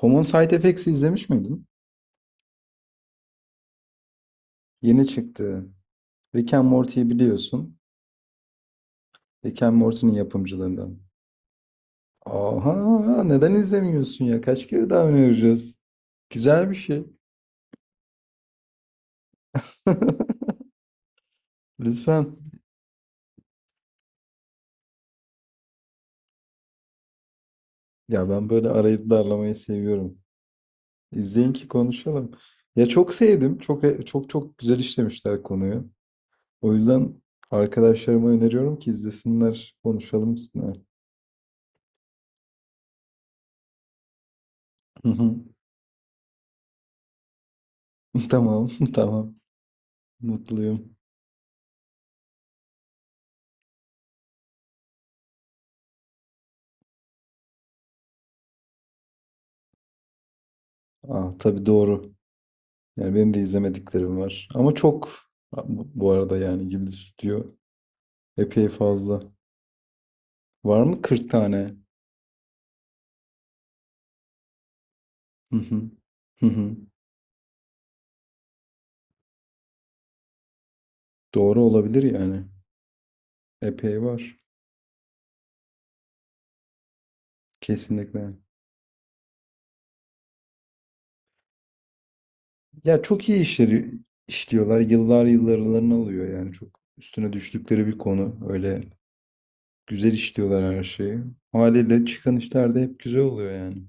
Common Side Effects'i izlemiş miydin? Yeni çıktı. Rick and Morty'yi biliyorsun. Rick and Morty'nin yapımcılarından. Aha, neden izlemiyorsun ya? Kaç kere daha önereceğiz? Güzel bir şey. Lütfen. Ya ben böyle arayıp darlamayı seviyorum. İzleyin ki konuşalım. Ya çok sevdim. Çok çok çok güzel işlemişler konuyu. O yüzden arkadaşlarıma öneriyorum ki izlesinler. Konuşalım üstüne. Hı hı. Tamam, tamam. Mutluyum. Aa, tabii doğru. Yani benim de izlemediklerim var. Ama çok bu arada yani Ghibli stüdyo epey fazla. Var mı 40 tane? Hı hı. Hı hı. Doğru olabilir yani. Epey var. Kesinlikle. Ya çok iyi işleri işliyorlar. Yıllar yıllarını alıyor yani çok üstüne düştükleri bir konu. Öyle güzel işliyorlar her şeyi. Haliyle çıkan işler de hep güzel oluyor yani.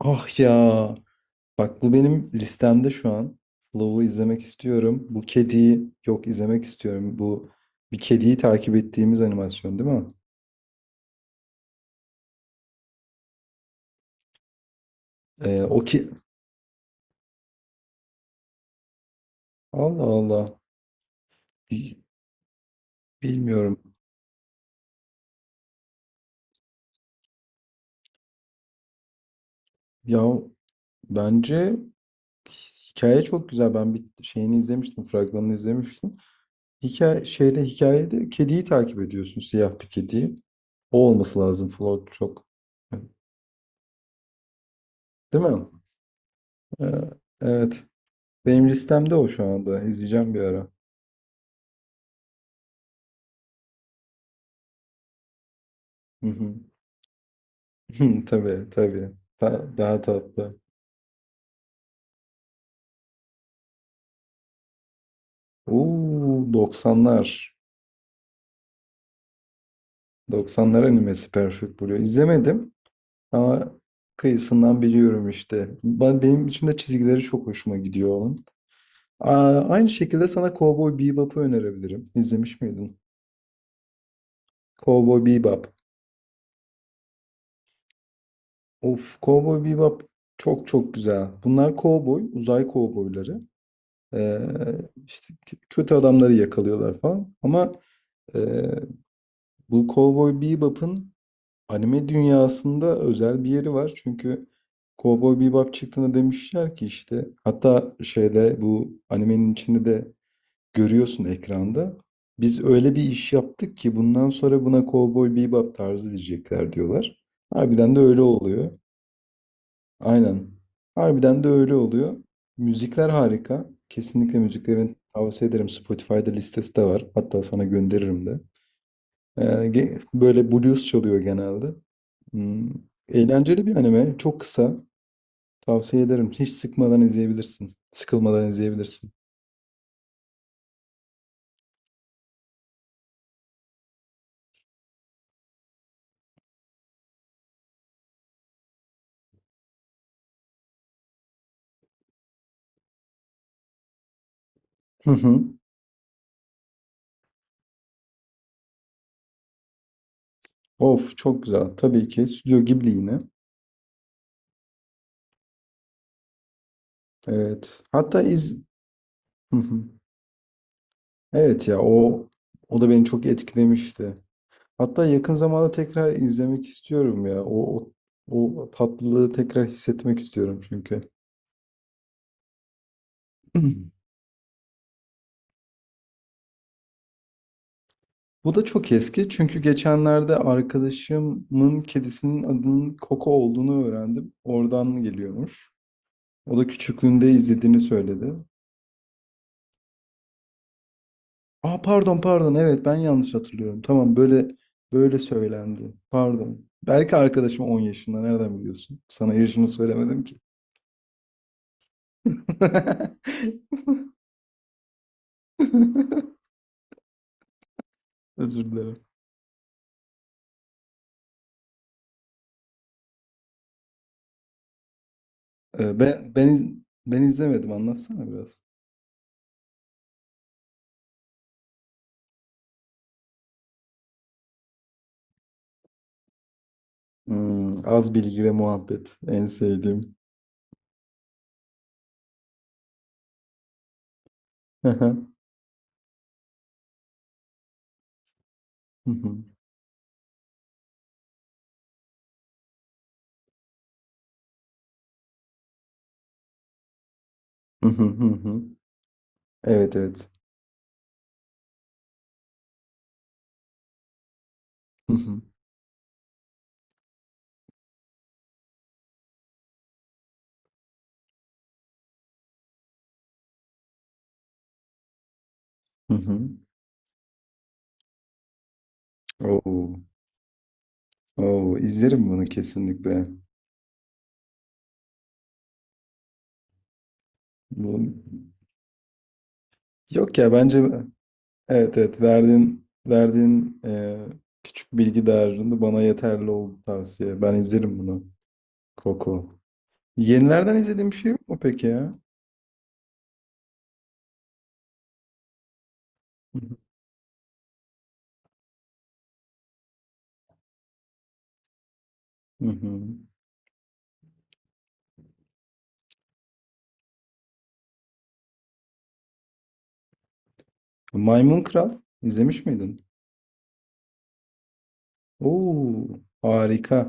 Ah ya. Bak bu benim listemde şu an. Flow'u izlemek istiyorum. Bu kediyi yok izlemek istiyorum. Bu bir kediyi takip ettiğimiz animasyon değil mi? O ki Allah Allah. Bi- Bilmiyorum. Ya bence hikaye çok güzel. Ben bir şeyini izlemiştim, fragmanını izlemiştim. Hikayede kediyi takip ediyorsun, siyah bir kediyi. O olması lazım Flow çok. Değil mi? Ee, evet. Benim listemde o şu anda. İzleyeceğim bir ara. Hı hı. Tabii tabii. Daha tatlı. Oo, 90'lar. 90'lar animesi Perfect Blue. İzlemedim ama kıyısından biliyorum işte. Benim için de çizgileri çok hoşuma gidiyor onun. Aa, aynı şekilde sana Cowboy Bebop'u önerebilirim. İzlemiş miydin? Cowboy Bebop. Of, Cowboy Bebop çok çok güzel. Bunlar cowboy, uzay cowboyları. Ee, işte k- kötü adamları yakalıyorlar falan. Ama e, bu Cowboy Bebop'un anime dünyasında özel bir yeri var. Çünkü Cowboy Bebop çıktığında demişler ki işte hatta şeyde bu animenin içinde de görüyorsun ekranda. Biz öyle bir iş yaptık ki bundan sonra buna Cowboy Bebop tarzı diyecekler diyorlar. Harbiden de öyle oluyor. Aynen. Harbiden de öyle oluyor. Müzikler harika. Kesinlikle müziklerin tavsiye ederim. Spotify'da listesi de var. Hatta sana gönderirim de. Ee, böyle blues çalıyor genelde. Hmm, Eğlenceli bir anime. Çok kısa. Tavsiye ederim. Hiç sıkmadan izleyebilirsin. Sıkılmadan izleyebilirsin. Hı hı. Of çok güzel. Tabii ki. Stüdyo Ghibli yine. Evet. Hı hı. Evet ya o da beni çok etkilemişti. Hatta yakın zamanda tekrar izlemek istiyorum ya. O tatlılığı tekrar hissetmek istiyorum çünkü. Bu da çok eski çünkü geçenlerde arkadaşımın kedisinin adının Koko olduğunu öğrendim. Oradan geliyormuş. O da küçüklüğünde izlediğini söyledi. Aa, pardon, pardon, evet, ben yanlış hatırlıyorum. Tamam, böyle söylendi. Pardon. Belki arkadaşım 10 yaşında. Nereden biliyorsun? Sana yaşını söylemedim ki. Özür dilerim. Ee, ben ben iz- ben izlemedim, anlatsana biraz. Az bilgi ve muhabbet en sevdiğim. Hı hı, hı hı. Evet, evet. Hı hı, hı hı. Oo, oo, izlerim bunu kesinlikle. Bu... Yok ya, bence evet evet, verdiğin küçük bilgi dağarcığında bana yeterli oldu tavsiye. Ben izlerim bunu. Koko. Yenilerden izlediğim bir şey yok mu peki ya? Hı hı. Hı hı. Maymun Kral izlemiş miydin? Oo, harika.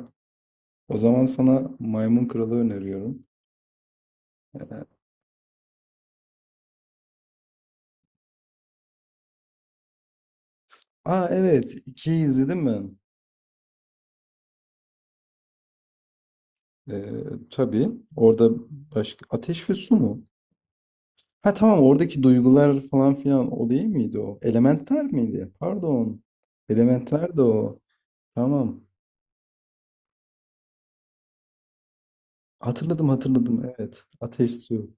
O zaman sana Maymun Kral'ı öneriyorum. Ee, Aa, evet, ikiyi izledim mi? Ee, tabii, orada başka ateş ve su mu? Ha, tamam, oradaki duygular falan filan o değil miydi o? Elementler miydi? Pardon. Elementler de o. Tamam. Hatırladım, hatırladım, evet. Ateş su.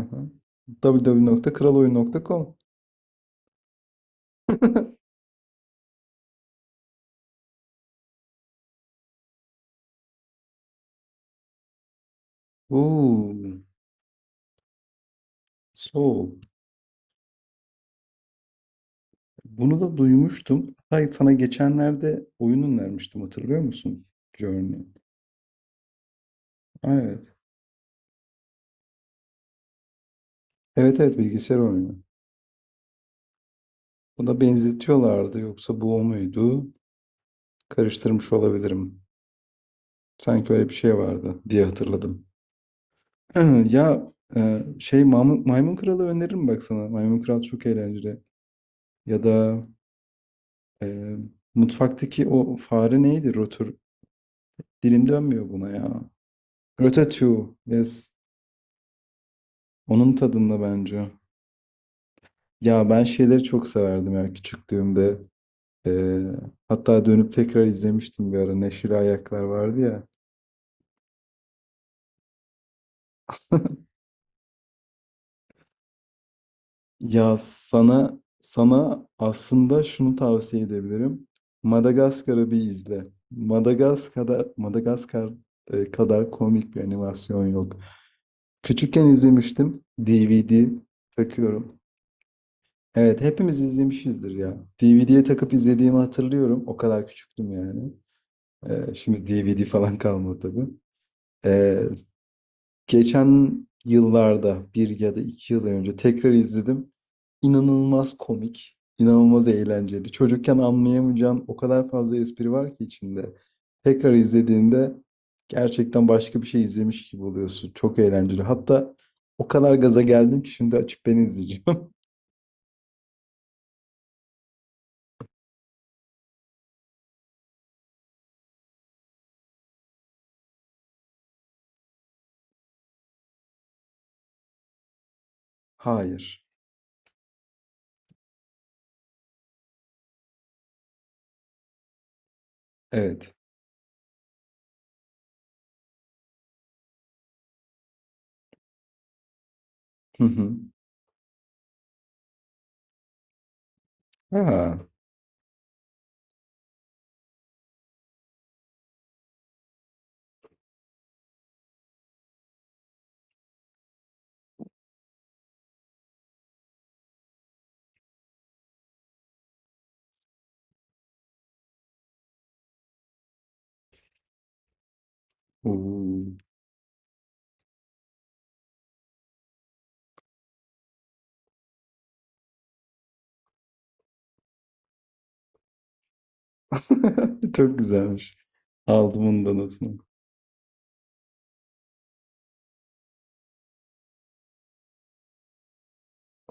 Aha. www.kraloyun.com Oo, Soul. Bunu da duymuştum. Hatta sana geçenlerde oyunun vermiştim hatırlıyor musun? Journey. Evet. Evet evet bilgisayar oyunu. Buna benzetiyorlardı yoksa bu o muydu? Karıştırmış olabilirim. Sanki öyle bir şey vardı diye hatırladım. Ya Maymun Kralı öneririm bak sana. Maymun Kral çok eğlenceli. Ya da e, mutfaktaki o fare neydi? Rotur. Dilim dönmüyor buna ya. Ratatouille. Yes. Onun tadında bence. Ya ben şeyleri çok severdim ya küçüklüğümde. E, Hatta dönüp tekrar izlemiştim bir ara. Neşeli Ayaklar vardı ya. Ya sana aslında şunu tavsiye edebilirim. Madagaskar'ı bir izle. Madagaskar kadar komik bir animasyon yok. Küçükken izlemiştim. DVD takıyorum. Evet, hepimiz izlemişizdir ya. DVD'ye takıp izlediğimi hatırlıyorum. O kadar küçüktüm yani. Şimdi DVD falan kalmadı tabii. E, geçen yıllarda bir ya da 2 yıl önce tekrar izledim. İnanılmaz komik, inanılmaz eğlenceli. Çocukken anlayamayacağın o kadar fazla espri var ki içinde. Tekrar izlediğinde gerçekten başka bir şey izlemiş gibi oluyorsun. Çok eğlenceli. Hatta o kadar gaza geldim ki şimdi açıp ben izleyeceğim. Hayır. Evet. Hı hı. Ha. Oo. Çok güzelmiş. Aldım bunu da notunu.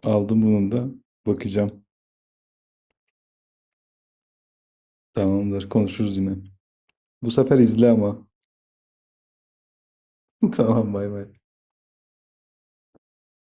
Aldım bunu da. Bakacağım. Tamamdır. Konuşuruz yine. Bu sefer izle ama. Tamam, bay bay.